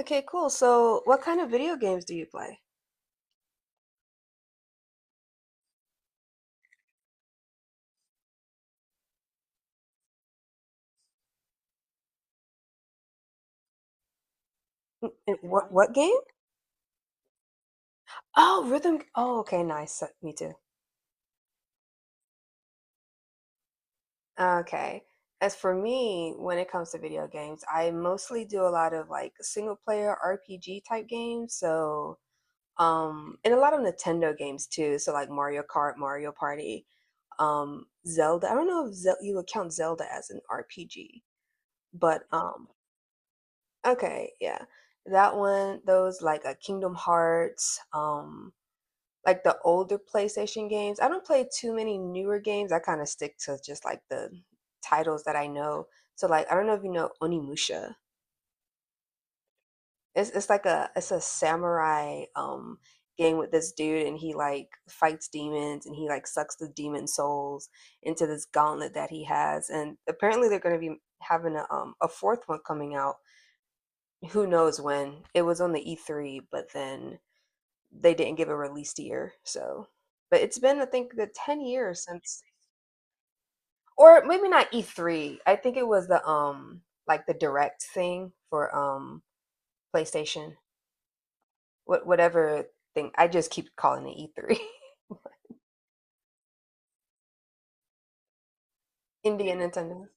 Okay, cool. So what kind of video games do you play? And what game? Oh, rhythm. Oh, okay, nice. Me too. Okay. As for me, when it comes to video games, I mostly do a lot of like single player RPG type games. So, and a lot of Nintendo games too. So like Mario Kart, Mario Party, Zelda. I don't know if Zel you would count Zelda as an RPG, but okay, yeah, that one. Those like a Kingdom Hearts, like the older PlayStation games. I don't play too many newer games. I kind of stick to just like the titles that I know. So like I don't know if you know Onimusha. It's like a it's a samurai game with this dude, and he like fights demons and he like sucks the demon souls into this gauntlet that he has. And apparently they're going to be having a fourth one coming out, who knows when. It was on the E3, but then they didn't give a released year. So, but it's been I think the 10 years since, or maybe not E three. I think it was the like the direct thing for PlayStation, whatever thing. I just keep calling it E three. Indian Nintendo.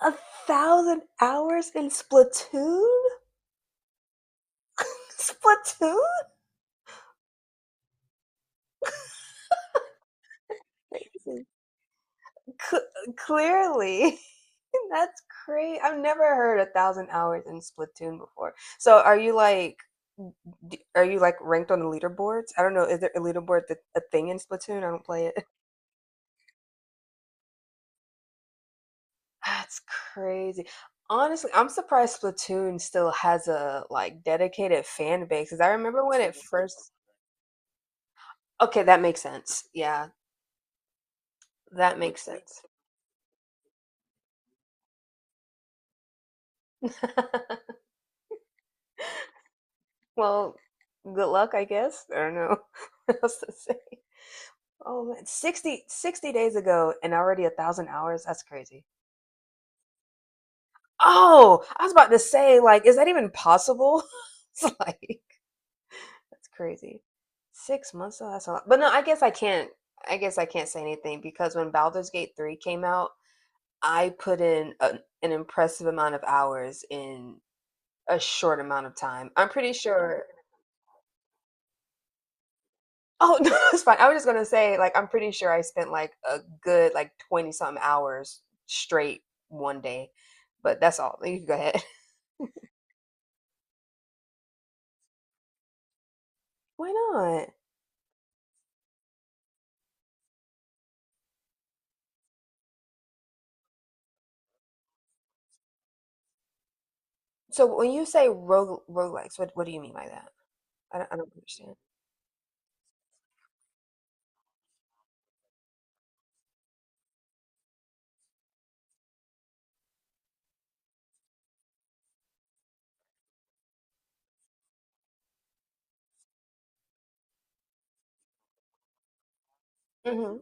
A thousand hours in Splatoon. Splatoon. Crazy. Clearly. That's crazy. I've never heard a thousand hours in Splatoon before. So are you like D are you like ranked on the leaderboards? I don't know. Is there a leaderboard that a thing in Splatoon? I don't play it. That's crazy. Honestly, I'm surprised Splatoon still has a like dedicated fan base. Cause I remember when it first. Okay, that makes sense. Yeah, that makes sense. Well, good luck, I guess. I don't know what else to say. Oh man, sixty days ago and already a thousand hours. That's crazy. Oh, I was about to say, like, is that even possible? It's like. That's crazy. Six months though, that's a lot. But no, I guess I can't. I guess I can't say anything because when Baldur's Gate three came out, I put in an impressive amount of hours in a short amount of time. I'm pretty sure. Oh no, it's fine. I was just gonna say, like, I'm pretty sure I spent like a good like twenty something hours straight one day. But that's all. You can go ahead. Why not? So when you say roguelikes, what do you mean by that? I don't understand. Mm-hmm.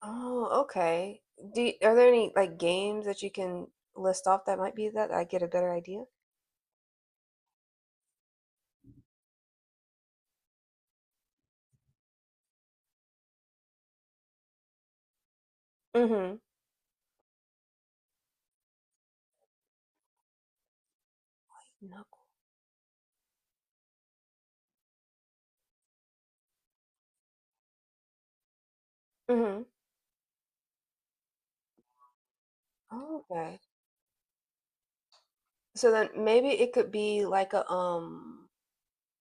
Oh, okay. Are there any like games that you can list off that might be that I get a better idea? Mm-hmm. No. Mm-hmm. Oh, okay. So then maybe it could be like a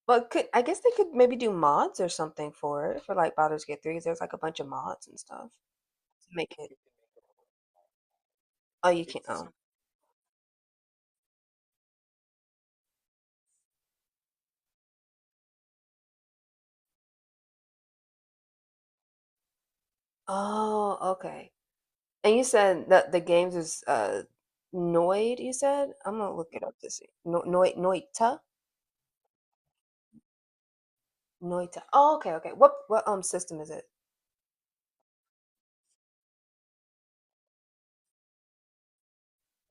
well could I guess they could maybe do mods or something for it for like Baldur's Gate Three? There's like a bunch of mods and stuff to make it. Oh, you can't own. Oh. Oh, okay. And you said that the games is Noid, you said? I'm gonna look it up to see. No Noid Noita? Noita. Oh, okay, okay. What system is it?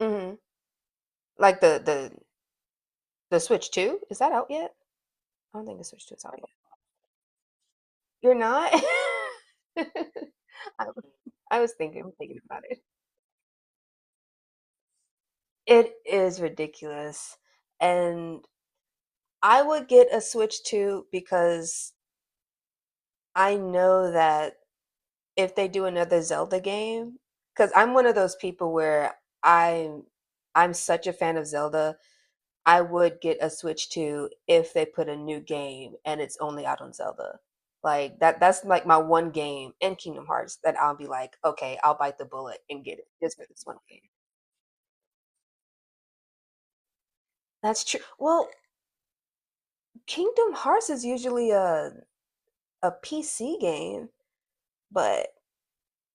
Mm-hmm. Like the the Switch 2? Is that out yet? I don't think the Switch 2 is out yet. You're not? I, I was thinking about it. It is ridiculous. And I would get a Switch 2 because I know that if they do another Zelda game, because I'm one of those people where I'm I'm such a fan of Zelda I would get a Switch 2 if they put a new game and it's only out on Zelda. Like that's like my one game in Kingdom Hearts that I'll be like, okay, I'll bite the bullet and get it just for this one game. That's true. Well, Kingdom Hearts is usually a PC game, but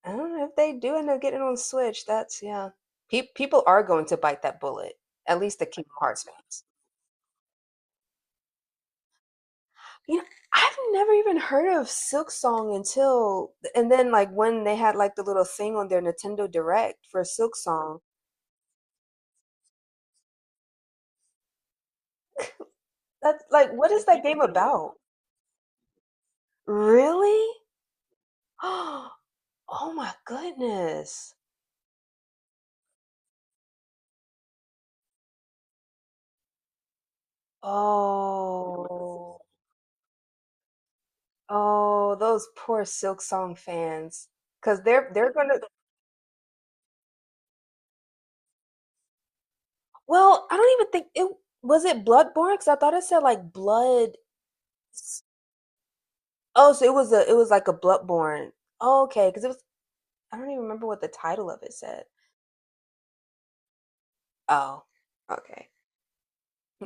I don't know if they do end up getting it on Switch. That's yeah. People are going to bite that bullet. At least the Kingdom Hearts fans. You know, I've never even heard of Silk Song until, and then like when they had like the little thing on their Nintendo Direct for Silk Song. That's like, what is that game about? Really? Oh, my goodness. Oh, oh, those poor Silk Song fans. Because they're gonna, well, I don't even think it, was it Bloodborne? Because I thought it said like blood. s- Oh, so it was a it was like a Bloodborne. Oh, okay, because it was. I don't even remember what the title of it said. Oh, okay.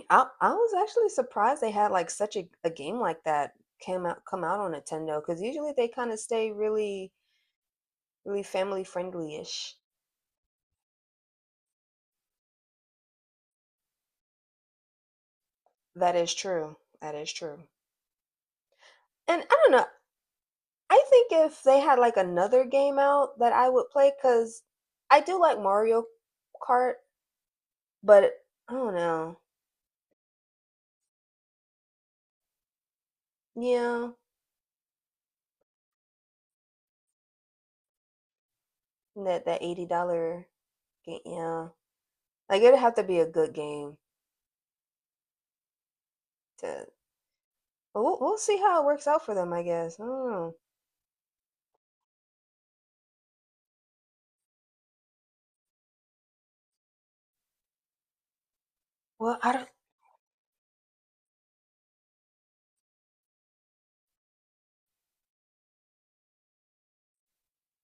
I was actually surprised they had like such a game like that came out come out on Nintendo, because usually they kind of stay really family friendly ish. That is true. That is true. And I don't know. I think if they had like another game out that I would play because I do like Mario Kart, but I don't know. Yeah, that that $80 game. Yeah, like it'd have to be a good game to. But we'll see how it works out for them, I guess. I don't know. Well, I don't.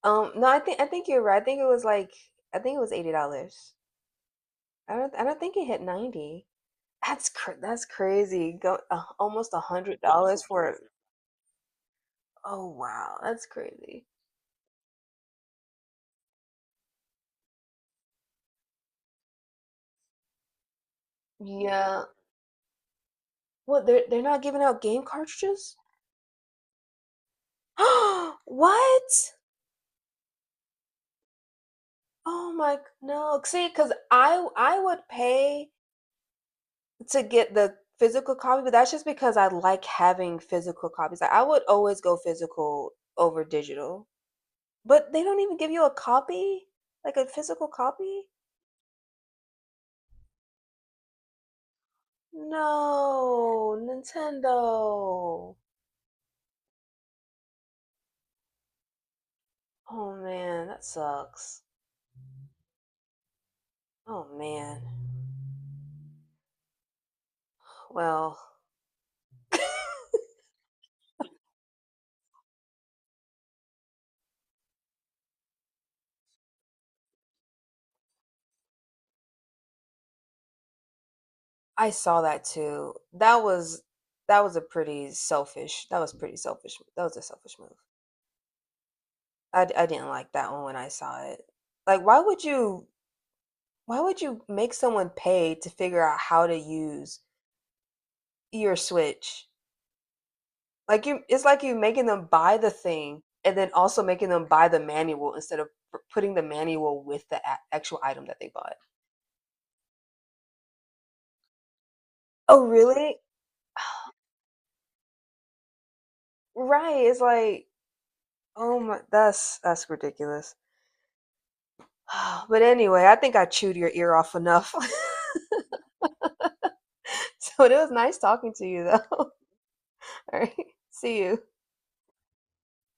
No, I think you're right. I think it was like I think it was $80. I don't think it hit 90. That's crazy. Go almost $100 for it. Oh wow, that's crazy. Yeah. What, they're not giving out game cartridges? What? Oh no. See, because I would pay to get the physical copy, but that's just because I like having physical copies. Like, I would always go physical over digital. But they don't even give you a copy? Like a physical copy? No, Nintendo. Oh man, that sucks. Oh man. Well, I saw that too. That was a pretty selfish. That was pretty selfish. That was a selfish move. I didn't like that one when I saw it. Like, why would you make someone pay to figure out how to use your Switch? Like you, it's like you making them buy the thing and then also making them buy the manual instead of putting the manual with the actual item that they bought. Oh, really? Right. It's like, oh my, that's ridiculous. But anyway, I think I chewed your ear off enough. So it was nice talking to you, though. All right. See you.